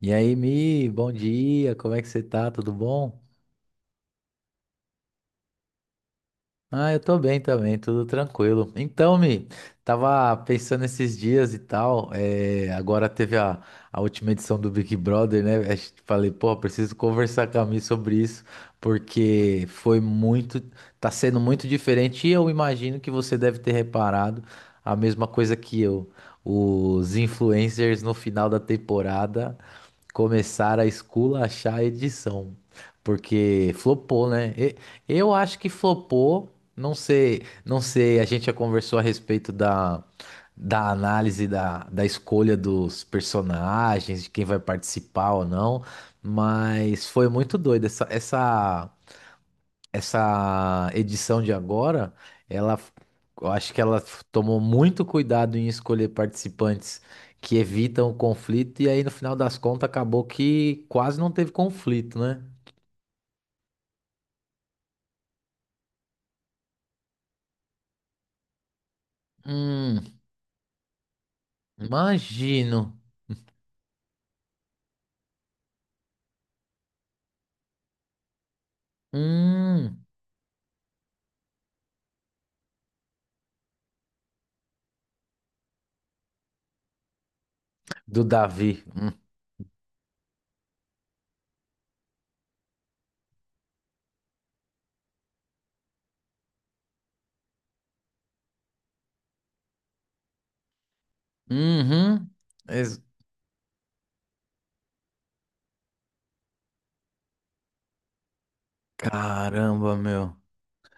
E aí, Mi, bom dia, como é que você tá? Tudo bom? Ah, eu tô bem também, tudo tranquilo. Então, Mi, tava pensando esses dias e tal, agora teve a última edição do Big Brother, né? Acho que falei, pô, preciso conversar com a Mi sobre isso, porque foi muito, tá sendo muito diferente e eu imagino que você deve ter reparado a mesma coisa que eu. Os influencers no final da temporada começaram a esculachar a edição. Porque flopou, né? Eu acho que flopou. Não sei, não sei, a gente já conversou a respeito da análise da escolha dos personagens, de quem vai participar ou não, mas foi muito doido essa essa edição de agora, ela, eu acho que ela tomou muito cuidado em escolher participantes que evitam o conflito, e aí no final das contas acabou que quase não teve conflito, né? Hum, imagino. Hum, do Davi. Uhum. Ex- Caramba, meu.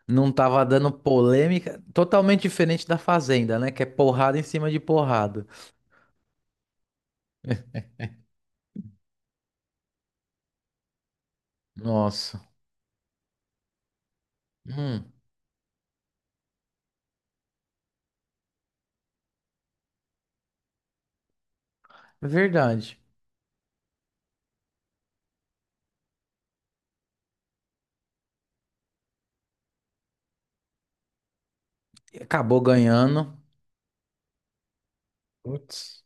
Não tava dando polêmica, totalmente diferente da Fazenda, né? Que é porrada em cima de porrada. Nossa. Hum, verdade. E acabou ganhando. Putz.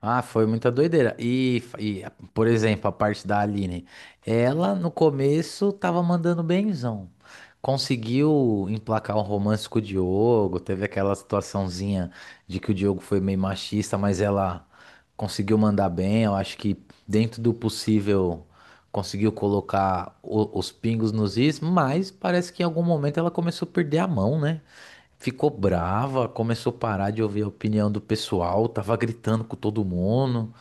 Ah, foi muita doideira. E, por exemplo, a parte da Aline. Ela, no começo, tava mandando benzão. Conseguiu emplacar um romance com o Diogo. Teve aquela situaçãozinha de que o Diogo foi meio machista, mas ela conseguiu mandar bem. Eu acho que, dentro do possível, conseguiu colocar os pingos nos is. Mas parece que em algum momento ela começou a perder a mão, né? Ficou brava, começou a parar de ouvir a opinião do pessoal, tava gritando com todo mundo.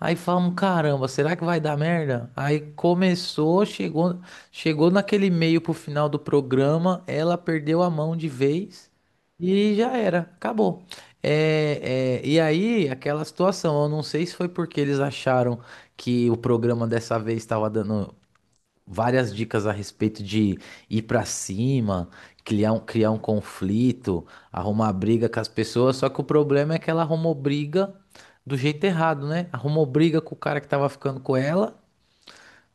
Aí falamos, caramba, será que vai dar merda? Aí começou, chegou, chegou naquele meio pro final do programa, ela perdeu a mão de vez e já era, acabou. É, é, e aí, aquela situação, eu não sei se foi porque eles acharam que o programa dessa vez estava dando várias dicas a respeito de ir pra cima, criar um conflito, arrumar briga com as pessoas. Só que o problema é que ela arrumou briga do jeito errado, né? Arrumou briga com o cara que tava ficando com ela,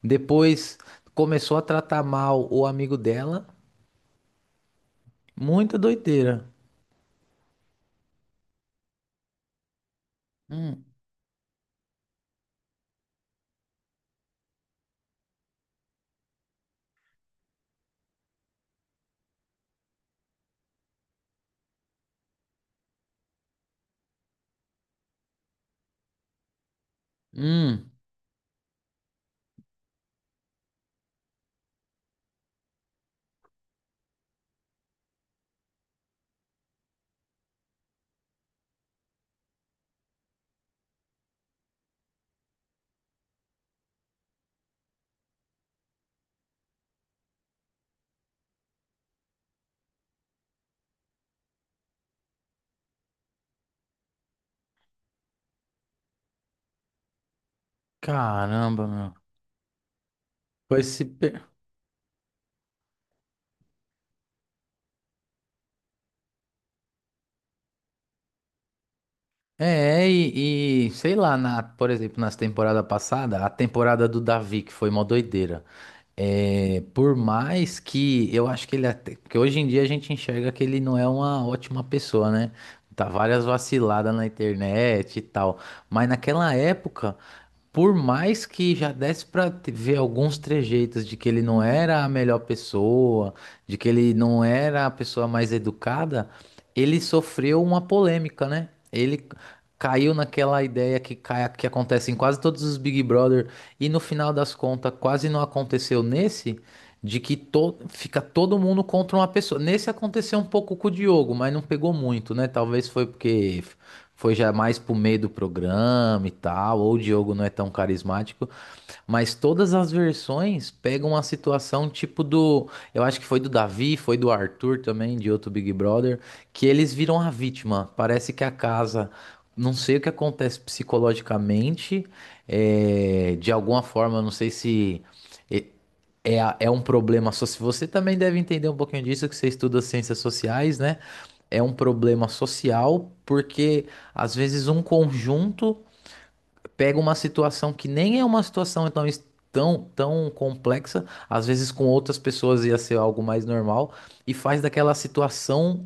depois começou a tratar mal o amigo dela. Muita doideira. Hum, hum, caramba, meu. Foi se. É, e, sei lá, na, por exemplo, nas temporada passada, a temporada do Davi, que foi uma doideira. É, por mais que eu acho que ele até, que hoje em dia a gente enxerga que ele não é uma ótima pessoa, né? Tá várias vaciladas na internet e tal. Mas naquela época, por mais que já desse pra ver alguns trejeitos de que ele não era a melhor pessoa, de que ele não era a pessoa mais educada, ele sofreu uma polêmica, né? Ele caiu naquela ideia que, cai, que acontece em quase todos os Big Brother e no final das contas quase não aconteceu nesse, de que to, fica todo mundo contra uma pessoa. Nesse aconteceu um pouco com o Diogo, mas não pegou muito, né? Talvez foi porque foi já mais pro meio do programa e tal, ou o Diogo não é tão carismático, mas todas as versões pegam a situação tipo do. Eu acho que foi do Davi, foi do Arthur também, de outro Big Brother, que eles viram a vítima. Parece que a casa. Não sei o que acontece psicologicamente, é, de alguma forma, não sei se é, é um problema. Só se você também deve entender um pouquinho disso, que você estuda ciências sociais, né? É um problema social, porque às vezes um conjunto pega uma situação que nem é uma situação tão, tão complexa, às vezes com outras pessoas ia ser algo mais normal, e faz daquela situação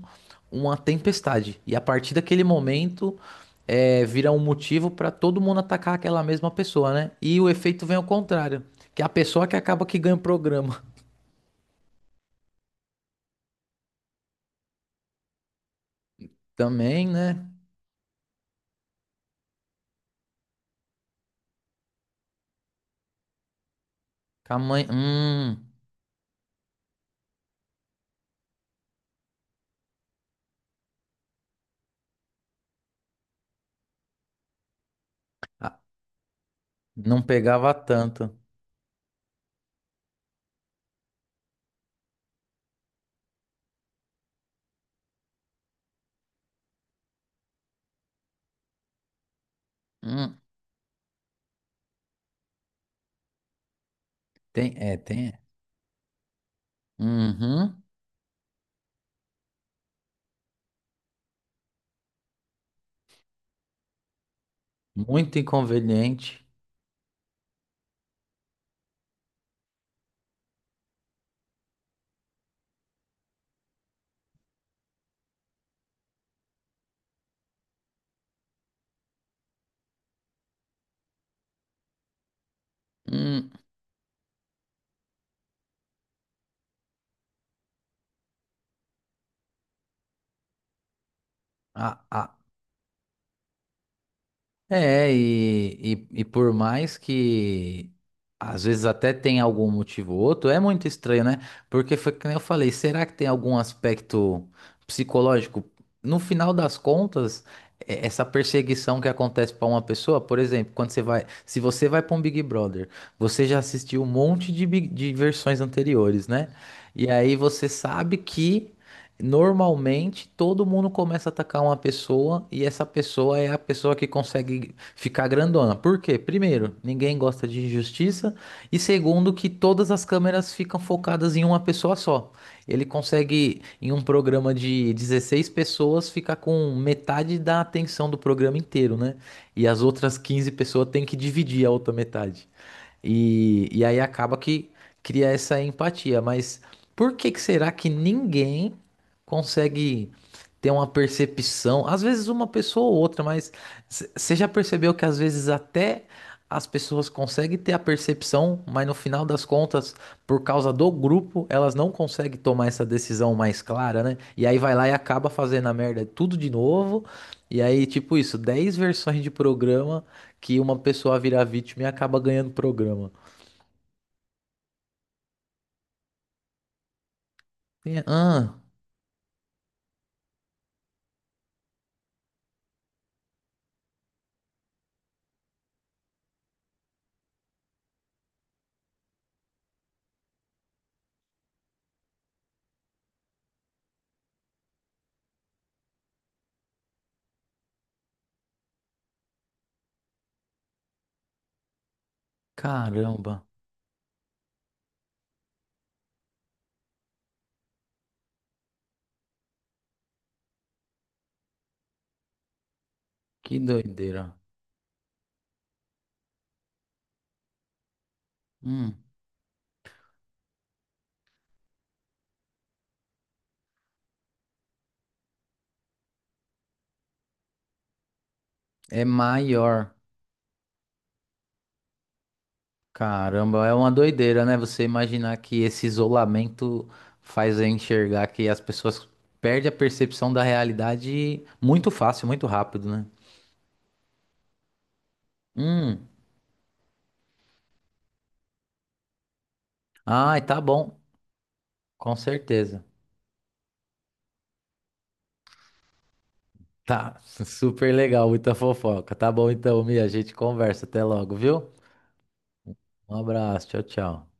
uma tempestade. E a partir daquele momento, é, vira um motivo para todo mundo atacar aquela mesma pessoa, né? E o efeito vem ao contrário, que é a pessoa que acaba que ganha o programa. Também, né? Com a mãe, ah, não pegava tanto. Hum, tem, é, tem. É. Uhum, muito inconveniente. Hum, Ah, ah, é, e por mais que às vezes até tem algum motivo ou outro, é muito estranho, né? Porque foi que nem eu falei, será que tem algum aspecto psicológico? No final das contas, essa perseguição que acontece para uma pessoa, por exemplo, quando você vai, se você vai para um Big Brother, você já assistiu um monte de, de versões anteriores, né? E aí você sabe que. Normalmente, todo mundo começa a atacar uma pessoa e essa pessoa é a pessoa que consegue ficar grandona. Por quê? Primeiro, ninguém gosta de injustiça e segundo, que todas as câmeras ficam focadas em uma pessoa só. Ele consegue, em um programa de 16 pessoas, ficar com metade da atenção do programa inteiro, né? E as outras 15 pessoas têm que dividir a outra metade. E aí acaba que cria essa empatia. Mas por que que será que ninguém consegue ter uma percepção? Às vezes uma pessoa ou outra, mas você já percebeu que às vezes até as pessoas conseguem ter a percepção, mas no final das contas, por causa do grupo, elas não conseguem tomar essa decisão mais clara, né? E aí vai lá e acaba fazendo a merda tudo de novo. E aí, tipo isso, 10 versões de programa que uma pessoa vira vítima e acaba ganhando programa. Ah, caramba, que doideira. Hum, é maior. Caramba, é uma doideira, né? Você imaginar que esse isolamento faz eu enxergar que as pessoas perdem a percepção da realidade muito fácil, muito rápido, né? Hum, ai, tá bom, com certeza. Tá, super legal, muita fofoca. Tá bom então, Mia, a gente conversa. Até logo, viu? Um abraço, tchau, tchau.